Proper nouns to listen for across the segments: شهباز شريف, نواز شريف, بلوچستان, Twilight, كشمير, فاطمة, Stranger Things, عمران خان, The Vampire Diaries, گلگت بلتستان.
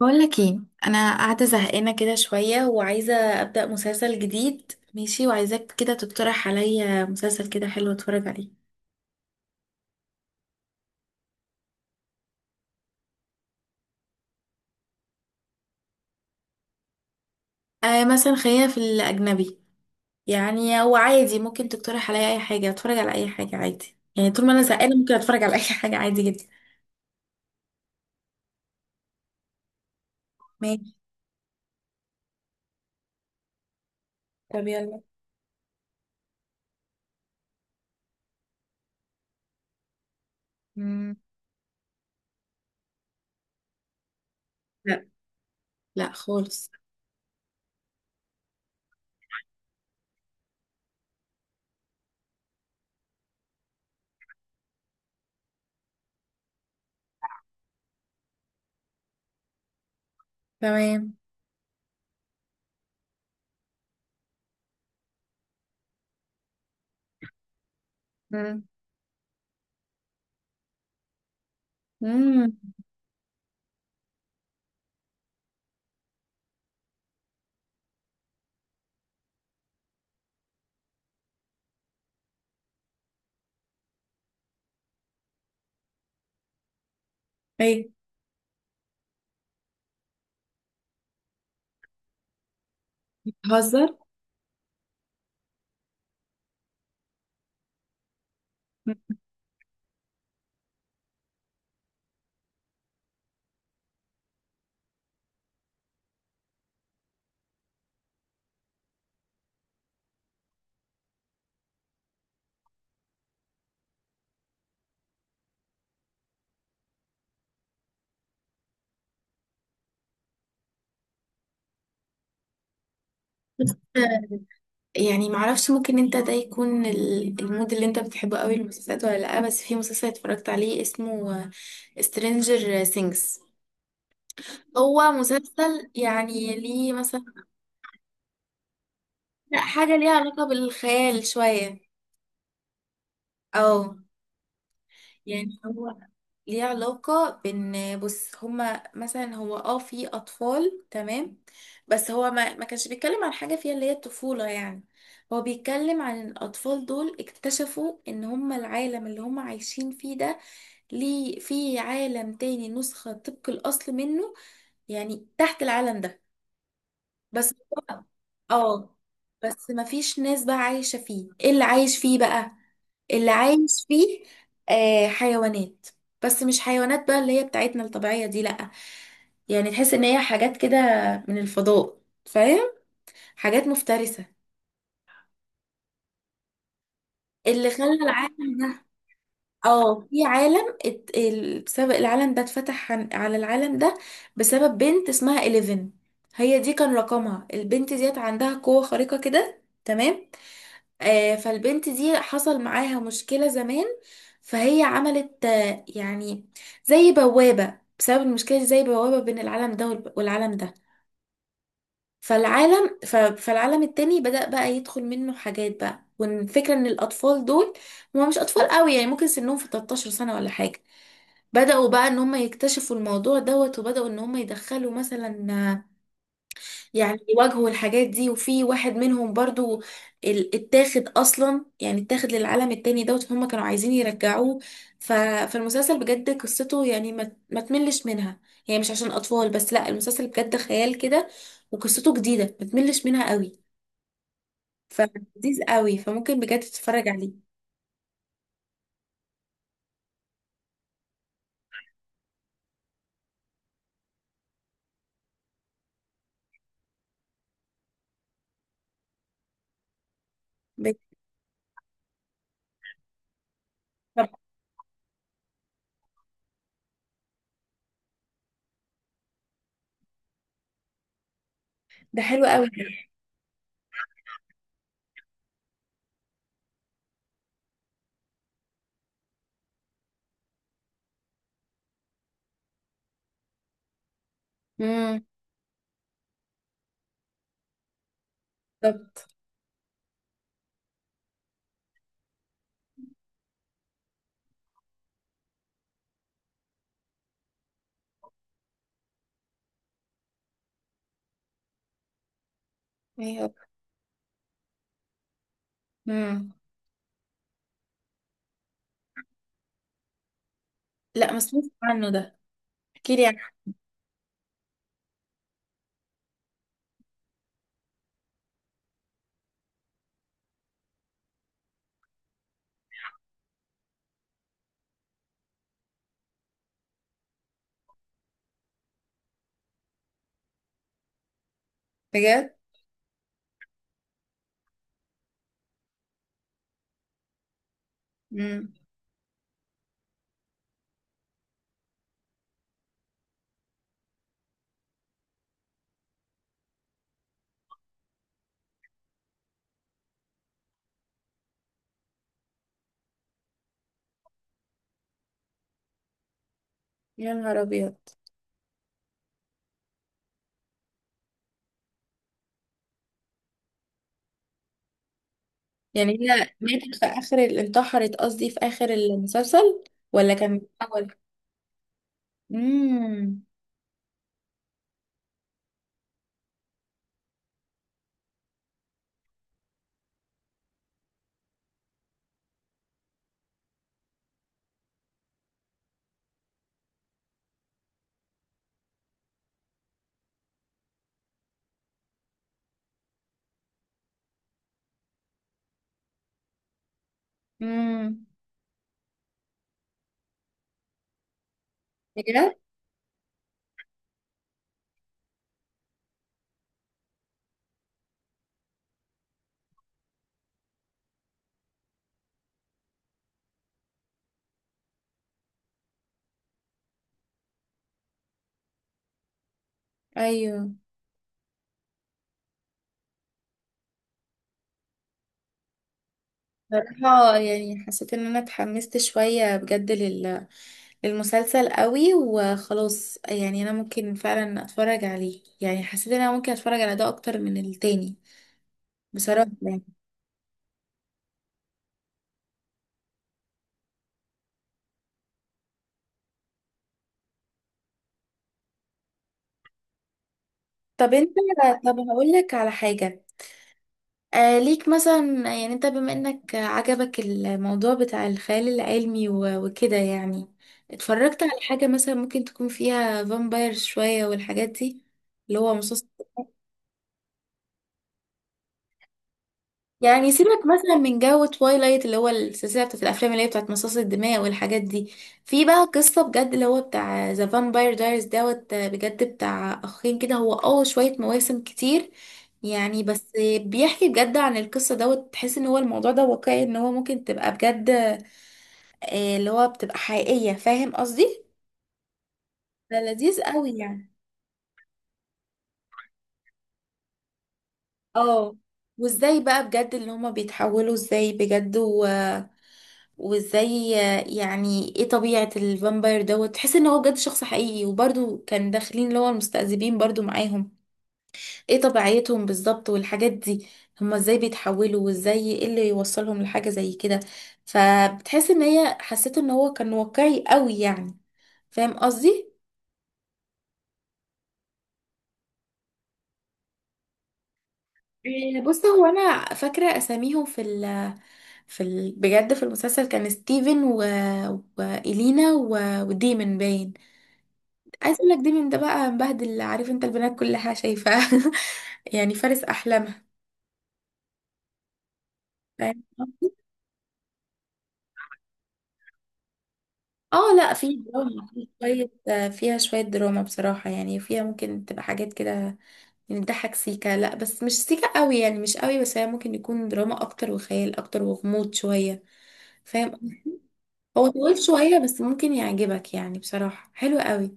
بقول لك ايه. انا قاعده زهقانه كده شويه وعايزه ابدا مسلسل جديد، ماشي، وعايزاك كده تقترح عليا مسلسل كده حلو اتفرج عليه. آه، مثلا خلينا في الاجنبي. يعني هو عادي، ممكن تقترح عليا اي حاجه، اتفرج على اي حاجه عادي. يعني طول ما انا زهقانه ممكن اتفرج على اي حاجه عادي جدا. ماشي. طب يلا. مم. لا، لا خالص. تمام. مم. مم. ايه. هزر. يعني معرفش، ممكن انت ده يكون المود اللي انت بتحبه قوي المسلسلات ولا لا. بس في مسلسل اتفرجت عليه اسمه سترينجر سينجز. هو مسلسل، يعني ليه مثلا. لا، حاجة ليها علاقة بالخيال شوية. او. يعني هو ليه علاقة بان، بص هما مثلا هو في اطفال، تمام. بس هو ما كانش بيتكلم عن حاجة فيها اللي هي الطفولة يعني. هو بيتكلم عن الأطفال دول، اكتشفوا إن هم العالم اللي هم عايشين فيه ده ليه في عالم تاني نسخة طبق الأصل منه، يعني تحت العالم ده بس. هو- اه بس مفيش ناس بقى عايشة فيه. ايه اللي عايش فيه بقى؟ اللي عايش فيه آه حيوانات. بس مش حيوانات بقى اللي هي بتاعتنا الطبيعية دي، لأ. يعني تحس ان هي حاجات كده من الفضاء، فاهم، حاجات مفترسة اللي خلى العالم ده. اه في عالم بسبب العالم ده اتفتح على العالم ده بسبب بنت اسمها 11. هي دي كان رقمها. البنت ديت عندها قوة خارقة كده، تمام. فالبنت دي حصل معاها مشكلة زمان. فهي عملت يعني زي بوابة بسبب المشكلة دي، زي بوابة بين العالم ده والعالم ده. فالعالم التاني بدأ بقى يدخل منه حاجات بقى. والفكرة ان الاطفال دول هما مش اطفال قوي، يعني ممكن سنهم في 13 سنة ولا حاجة. بدأوا بقى ان هم يكتشفوا الموضوع دوت، وبدأوا ان هم يدخلوا مثلا، يعني يواجهوا الحاجات دي. وفي واحد منهم برضو اتاخد اصلا، يعني اتاخد للعالم التاني دوت، هم كانوا عايزين يرجعوه. ف... فالمسلسل بجد قصته يعني ما تملش منها. يعني مش عشان اطفال بس، لا المسلسل بجد خيال كده وقصته جديدة ما تملش منها قوي. فلذيذ قوي، فممكن بجد تتفرج عليه. ب- طب ده حلو قوي ده. امم. طب ايه هو؟ مم. لا، ما سمعتش عنه ده. احكي لي عن. بجد. امم. يا نهار ابيض. يعني هي ماتت في اخر انتحرت قصدي في اخر المسلسل ولا كان من الاول؟ امم. امم. بجد. ايوه. صراحة يعني حسيت ان انا اتحمست شوية بجد للمسلسل قوي، وخلاص يعني انا ممكن فعلا اتفرج عليه. يعني حسيت ان انا ممكن اتفرج على ده اكتر من التاني، بصراحة يعني. طب انت. طب هقول لك على حاجة. آه ليك مثلا، يعني انت بما انك عجبك الموضوع بتاع الخيال العلمي وكده يعني، اتفرجت على حاجة مثلا ممكن تكون فيها فامبايرز شوية والحاجات دي، اللي هو مصاص. يعني سيبك مثلا من جو تويلايت اللي هو السلسله بتاعت الافلام اللي هي بتاعت مصاص الدماء والحاجات دي. في بقى قصه بجد اللي هو بتاع ذا فامباير دايرز دوت. بجد بتاع اخين كده، هو شويه، مواسم كتير يعني بس، بيحكي بجد عن القصه دوت. تحس ان هو الموضوع ده واقعي، ان هو ممكن تبقى بجد، اللي هو بتبقى حقيقيه، فاهم قصدي. ده لذيذ قوي يعني. اه، وازاي بقى بجد اللي هما بيتحولوا ازاي بجد، وازاي يعني ايه طبيعة الفامباير دوت. تحس ان هو بجد شخص حقيقي، وبرضو كان داخلين اللي هو المستذئبين برضو معاهم. ايه طبيعتهم بالظبط والحاجات دي، هما ازاي بيتحولوا، وازاي ايه اللي يوصلهم لحاجة زي كده. فبتحس ان هي حسيت ان هو كان واقعي قوي يعني، فاهم قصدي. إيه، بص هو انا فاكره اساميهم في ال بجد في المسلسل كان ستيفن والينا وديمن باين. عايز اقول لك دي من ده بقى مبهدل، عارف انت البنات كلها شايفاه يعني فارس احلامها. فاهم قصدي؟ اه لا، في دراما، في شوية. فيها شوية دراما بصراحة، يعني فيها ممكن تبقى حاجات كده يعني تضحك سيكا، لا بس مش سيكا قوي يعني، مش قوي، بس هي ممكن يكون دراما اكتر وخيال اكتر وغموض شوية. فاهم. هو طويل شوية بس ممكن يعجبك، يعني بصراحة حلو قوي.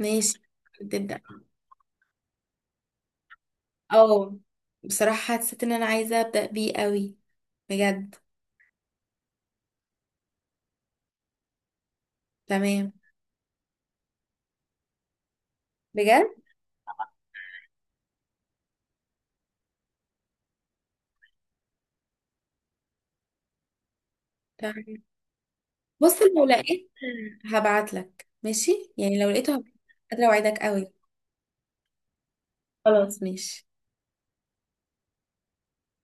ماشي. تبدأ. اه، بصراحة حسيت ان انا عايزة ابدأ بيه قوي. بجد. تمام. بجد. تمام. بص لو لقيت هبعت لك، ماشي يعني لو لقيته هبعت لك، قادرة اوعدك قوي. خلاص ماشي